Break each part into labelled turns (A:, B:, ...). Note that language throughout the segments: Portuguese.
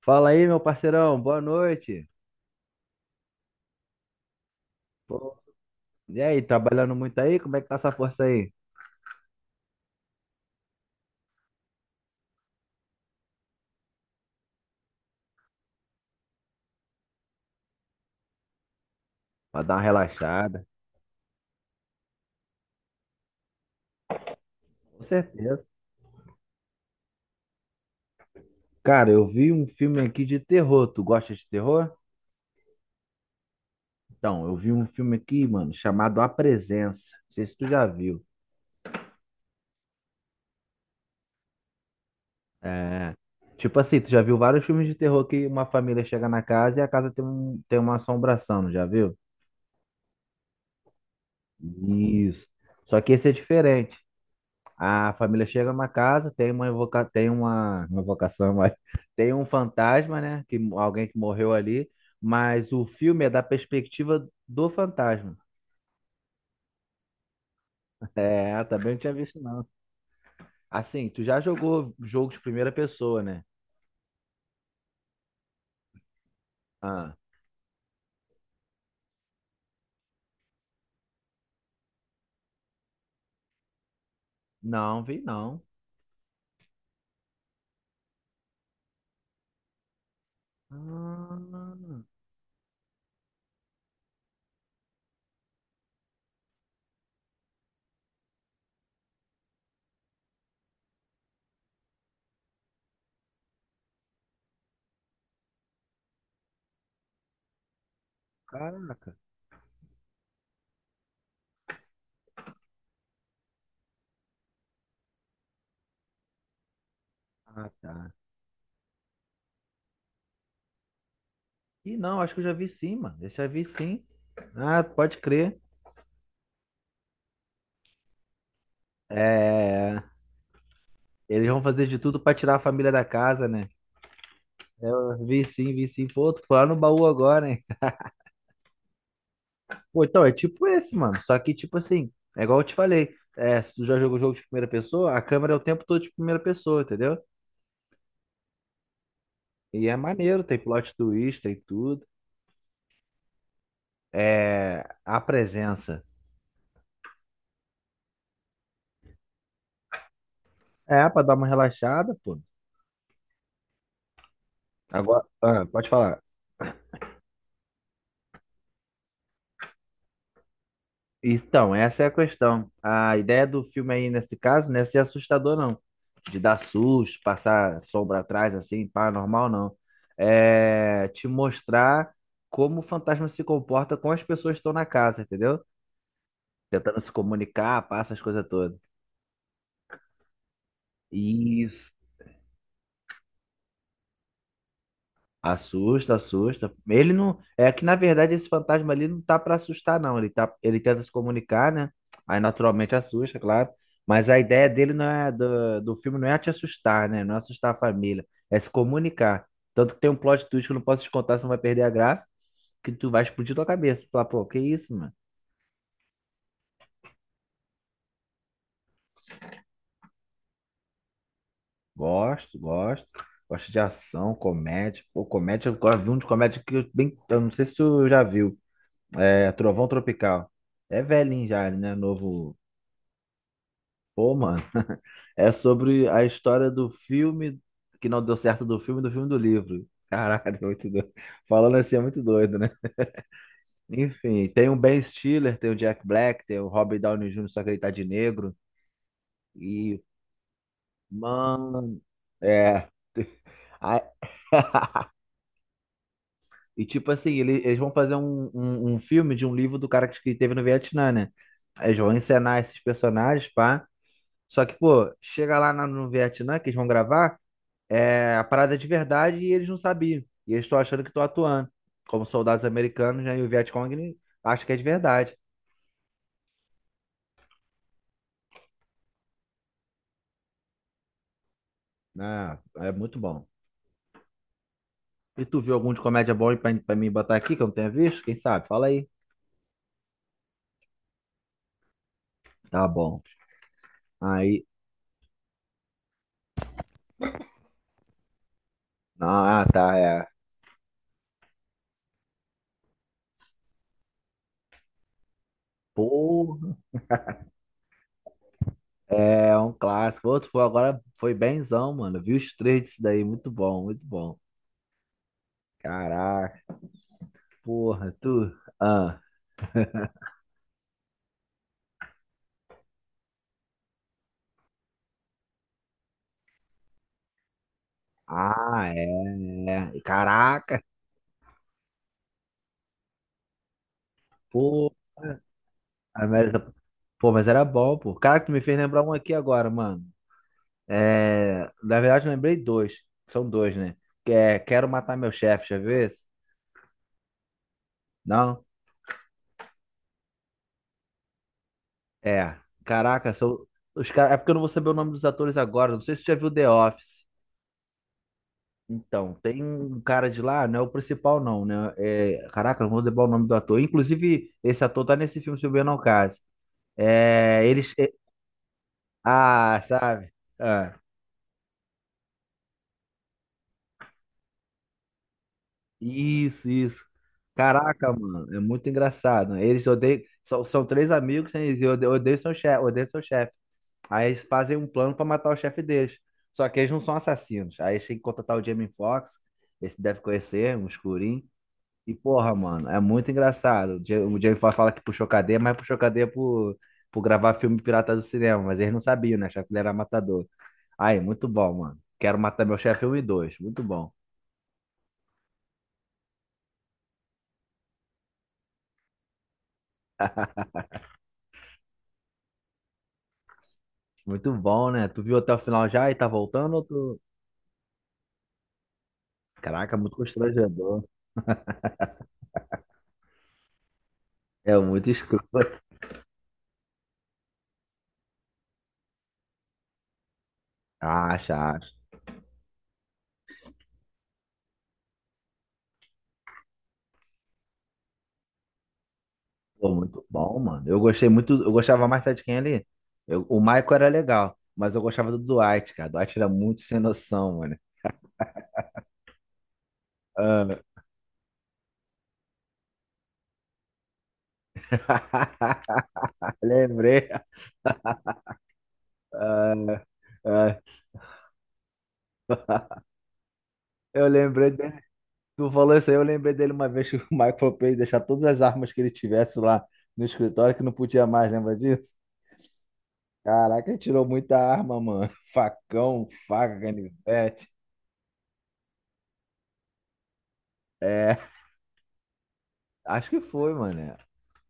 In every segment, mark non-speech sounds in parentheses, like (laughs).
A: Fala aí, meu parceirão, boa noite. Pô, e aí, trabalhando muito aí? Como é que tá essa força aí? Pra dar uma relaxada. Com certeza. Cara, eu vi um filme aqui de terror. Tu gosta de terror? Então, eu vi um filme aqui, mano, chamado A Presença. Não sei se tu já viu. É. Tipo assim, tu já viu vários filmes de terror que uma família chega na casa e a casa tem uma assombração, não já viu? Isso. Só que esse é diferente. A família chega numa casa, tem uma invocação, mas (laughs) tem um fantasma, né? Que alguém que morreu ali, mas o filme é da perspectiva do fantasma. (laughs) É, também não tinha visto não. Assim, tu já jogou jogo de primeira pessoa, né? Ah, não, vi não. Ah, caraca. Ah, tá. Ih, não, acho que eu já vi sim, mano. Esse eu já vi sim. Ah, pode crer. É, eles vão fazer de tudo pra tirar a família da casa, né? Eu vi sim, vi sim. Pô, tu foi lá no baú agora, hein? Pô, então é tipo esse, mano. Só que, tipo assim, é igual eu te falei. É, se tu já jogou jogo de primeira pessoa, a câmera é o tempo todo de primeira pessoa, entendeu? E é maneiro, tem plot twist, tem tudo. É, a presença. É, pra dar uma relaxada, pô. Agora, ah, pode falar. Então, essa é a questão. A ideia do filme aí, nesse caso, não é ser assustador, não. De dar susto, passar sombra atrás, assim, paranormal, não. É te mostrar como o fantasma se comporta com as pessoas que estão na casa, entendeu? Tentando se comunicar, passa as coisas todas. Isso. Assusta, assusta. Ele não. É que na verdade esse fantasma ali não tá pra assustar, não. Ele tá... ele tenta se comunicar, né? Aí naturalmente assusta, claro. Mas a ideia dele não é do... do filme não é te assustar, né? Não é assustar a família. É se comunicar. Tanto que tem um plot twist que eu não posso te contar, senão vai perder a graça, que tu vai explodir tua cabeça. Falar, pô, que isso, mano? Gosto, gosto. Gosto de ação, comédia. Pô, comédia, eu gosto de um de comédia que eu bem. Eu não sei se tu já viu. É Trovão Tropical. É velhinho já, né? Novo. Pô, mano, é sobre a história do filme que não deu certo do filme, do filme do livro. Caralho, (laughs) é muito doido. Falando assim é muito doido, né? Enfim, tem o Ben Stiller, tem o Jack Black, tem o Robert Downey Jr., só que ele tá de negro. E, mano, é. A- (laughs) E tipo assim, eles vão fazer um filme de um livro do cara que teve no Vietnã, né? Aí eles vão encenar esses personagens, pá. Só que, pô, chega lá no Vietnã que eles vão gravar. É a parada é de verdade e eles não sabiam. E eles estão achando que estão atuando. Como soldados americanos, né? E o Vietcong acha que é de verdade. Né, é muito bom. E tu viu algum de comédia bom aí pra mim botar aqui que eu não tenha visto? Quem sabe? Fala aí. Tá bom. Aí. Ah, tá, é. Porra. É um clássico. Outro foi agora, foi benzão, mano. Eu vi os três disso daí. Muito bom, muito bom. Caraca. Porra, tu. Ah, ah, é. É. Caraca. Porra. Ah, mas- Pô, mas era bom, pô. Cara, que tu me fez lembrar um aqui agora, mano. É... Na verdade, eu lembrei dois. São dois, né? Que é Quero Matar Meu Chefe, já viu esse? Não? É. Caraca, são... Os cara... É porque eu não vou saber o nome dos atores agora. Não sei se você já viu The Office. Então, tem um cara de lá, não é o principal, não, né? É... Caraca, não vou lembrar o nome do ator. Inclusive, esse ator tá nesse filme, se eu bem não caso. É... Eles... é, Ah, sabe? Ah. Isso, isso. Caraca, mano, é muito engraçado. Eles odeiam. São três amigos, né? Eles odeiam, odeiam seu chefe, odeiam seu chefe. Aí eles fazem um plano pra matar o chefe deles. Só que eles não são assassinos. Aí eles têm que contratar o Jamie Foxx. Esse deve conhecer, um escurinho. E porra, mano, é muito engraçado. O Jamie Foxx fala que puxou cadeia, mas puxou cadeia por gravar filme pirata do cinema. Mas eles não sabiam, né? Achavam que ele era matador. Aí, muito bom, mano. Quero matar meu chefe um e dois. Muito bom. Muito bom, né? Tu viu até o final já e tá voltando? Ou tu... Caraca, muito constrangedor. É muito escroto. Acha, acha. Pô, muito bom, mano. Eu gostei muito. Eu gostava mais sabe de quem ali? O Michael era legal, mas eu gostava do Dwight, cara. O Dwight era muito sem noção, mano. Ah. (laughs) Lembrei. Ah, ah, eu lembrei dele. Tu falou isso aí, eu lembrei dele uma vez que o Michael fez deixar todas as armas que ele tivesse lá no escritório que não podia mais, lembra disso? Caraca, tirou muita arma, mano. (laughs) Facão, faca, canivete. É, acho que foi, mano.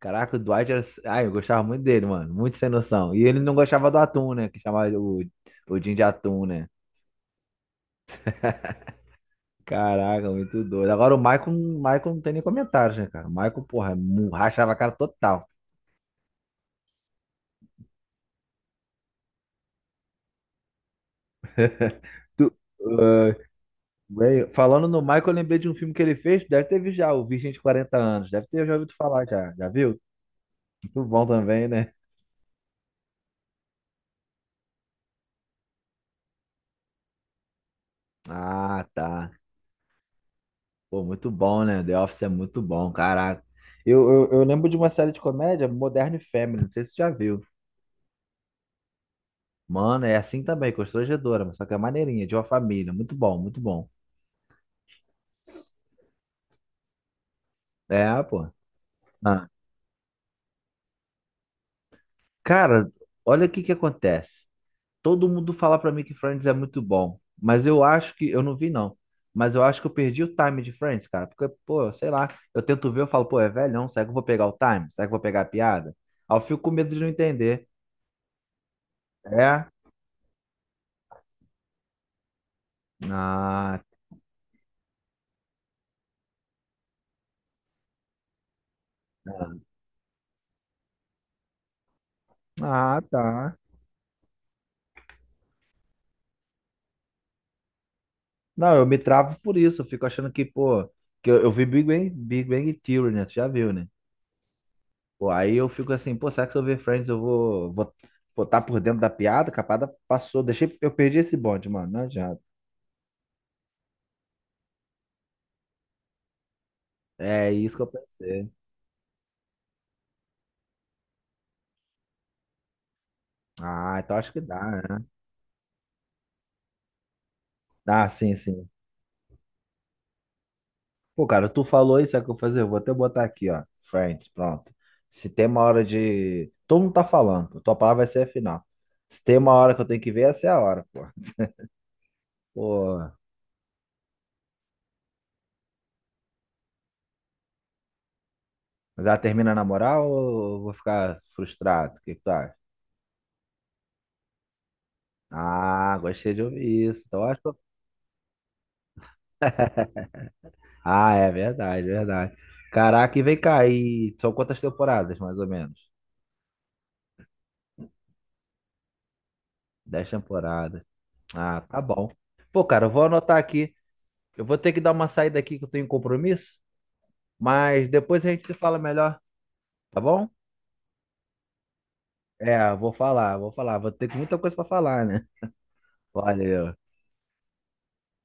A: Caraca, o Dwight era. Ai, eu gostava muito dele, mano. Muito sem noção. E ele não gostava do atum, né? Que chamava o Jim de atum, né? (laughs) Caraca, muito doido. Agora o Michael não tem nem comentários, né, cara? O Michael, porra, rachava a cara total. (laughs) Tu- ah, Bem, falando no Michael, eu lembrei de um filme que ele fez, deve ter visto já, o Virgem de Quarenta Anos. Deve ter já ouvido falar já. Já viu? Muito bom também, né? Ah, tá. Pô, muito bom, né? The Office é muito bom, caraca. Eu lembro de uma série de comédia, Modern Family, não sei se você já viu. Mano, é assim também, constrangedora, mas só que é maneirinha, de uma família. Muito bom, muito bom. É, pô. Ah, cara, olha o que que acontece. Todo mundo fala pra mim que Friends é muito bom, mas eu acho que. Eu não vi, não. Mas eu acho que eu perdi o time de Friends, cara. Porque, pô, sei lá. Eu tento ver, eu falo, pô, é velhão, será que eu vou pegar o time? Será que eu vou pegar a piada? Aí eu fico com medo de não entender. É? Ah, ah, tá. Não, eu me travo por isso. Eu fico achando que, pô, que eu vi Big Bang, Big Bang Theory, né? Tu já viu, né? Pô, aí eu fico assim, pô, será que se eu ver Friends eu vou tá por dentro da piada? Capada passou, deixei, eu perdi esse bonde, mano. Não adianta. É isso que eu pensei. Ah, então acho que dá, né? Ah, sim, sim. Pô, cara, tu falou isso, sabe o que eu vou fazer? Eu vou até botar aqui, ó. Friends, pronto. Se tem uma hora de. Todo mundo tá falando, pô. Tua palavra vai ser a final. Se tem uma hora que eu tenho que ver, essa é a hora, pô. Pô. Mas ela termina na moral ou eu vou ficar frustrado? O que que tu acha? Ah, gostei de ouvir isso. Então eu acho. (laughs) Ah, é verdade, verdade. Caraca, e vem cá, e são quantas temporadas, mais ou menos? Dez temporadas. Ah, tá bom. Pô, cara, eu vou anotar aqui. Eu vou ter que dar uma saída aqui que eu tenho um compromisso, mas depois a gente se fala melhor, tá bom? É, vou falar, vou falar. Vou ter muita coisa pra falar, né? Valeu.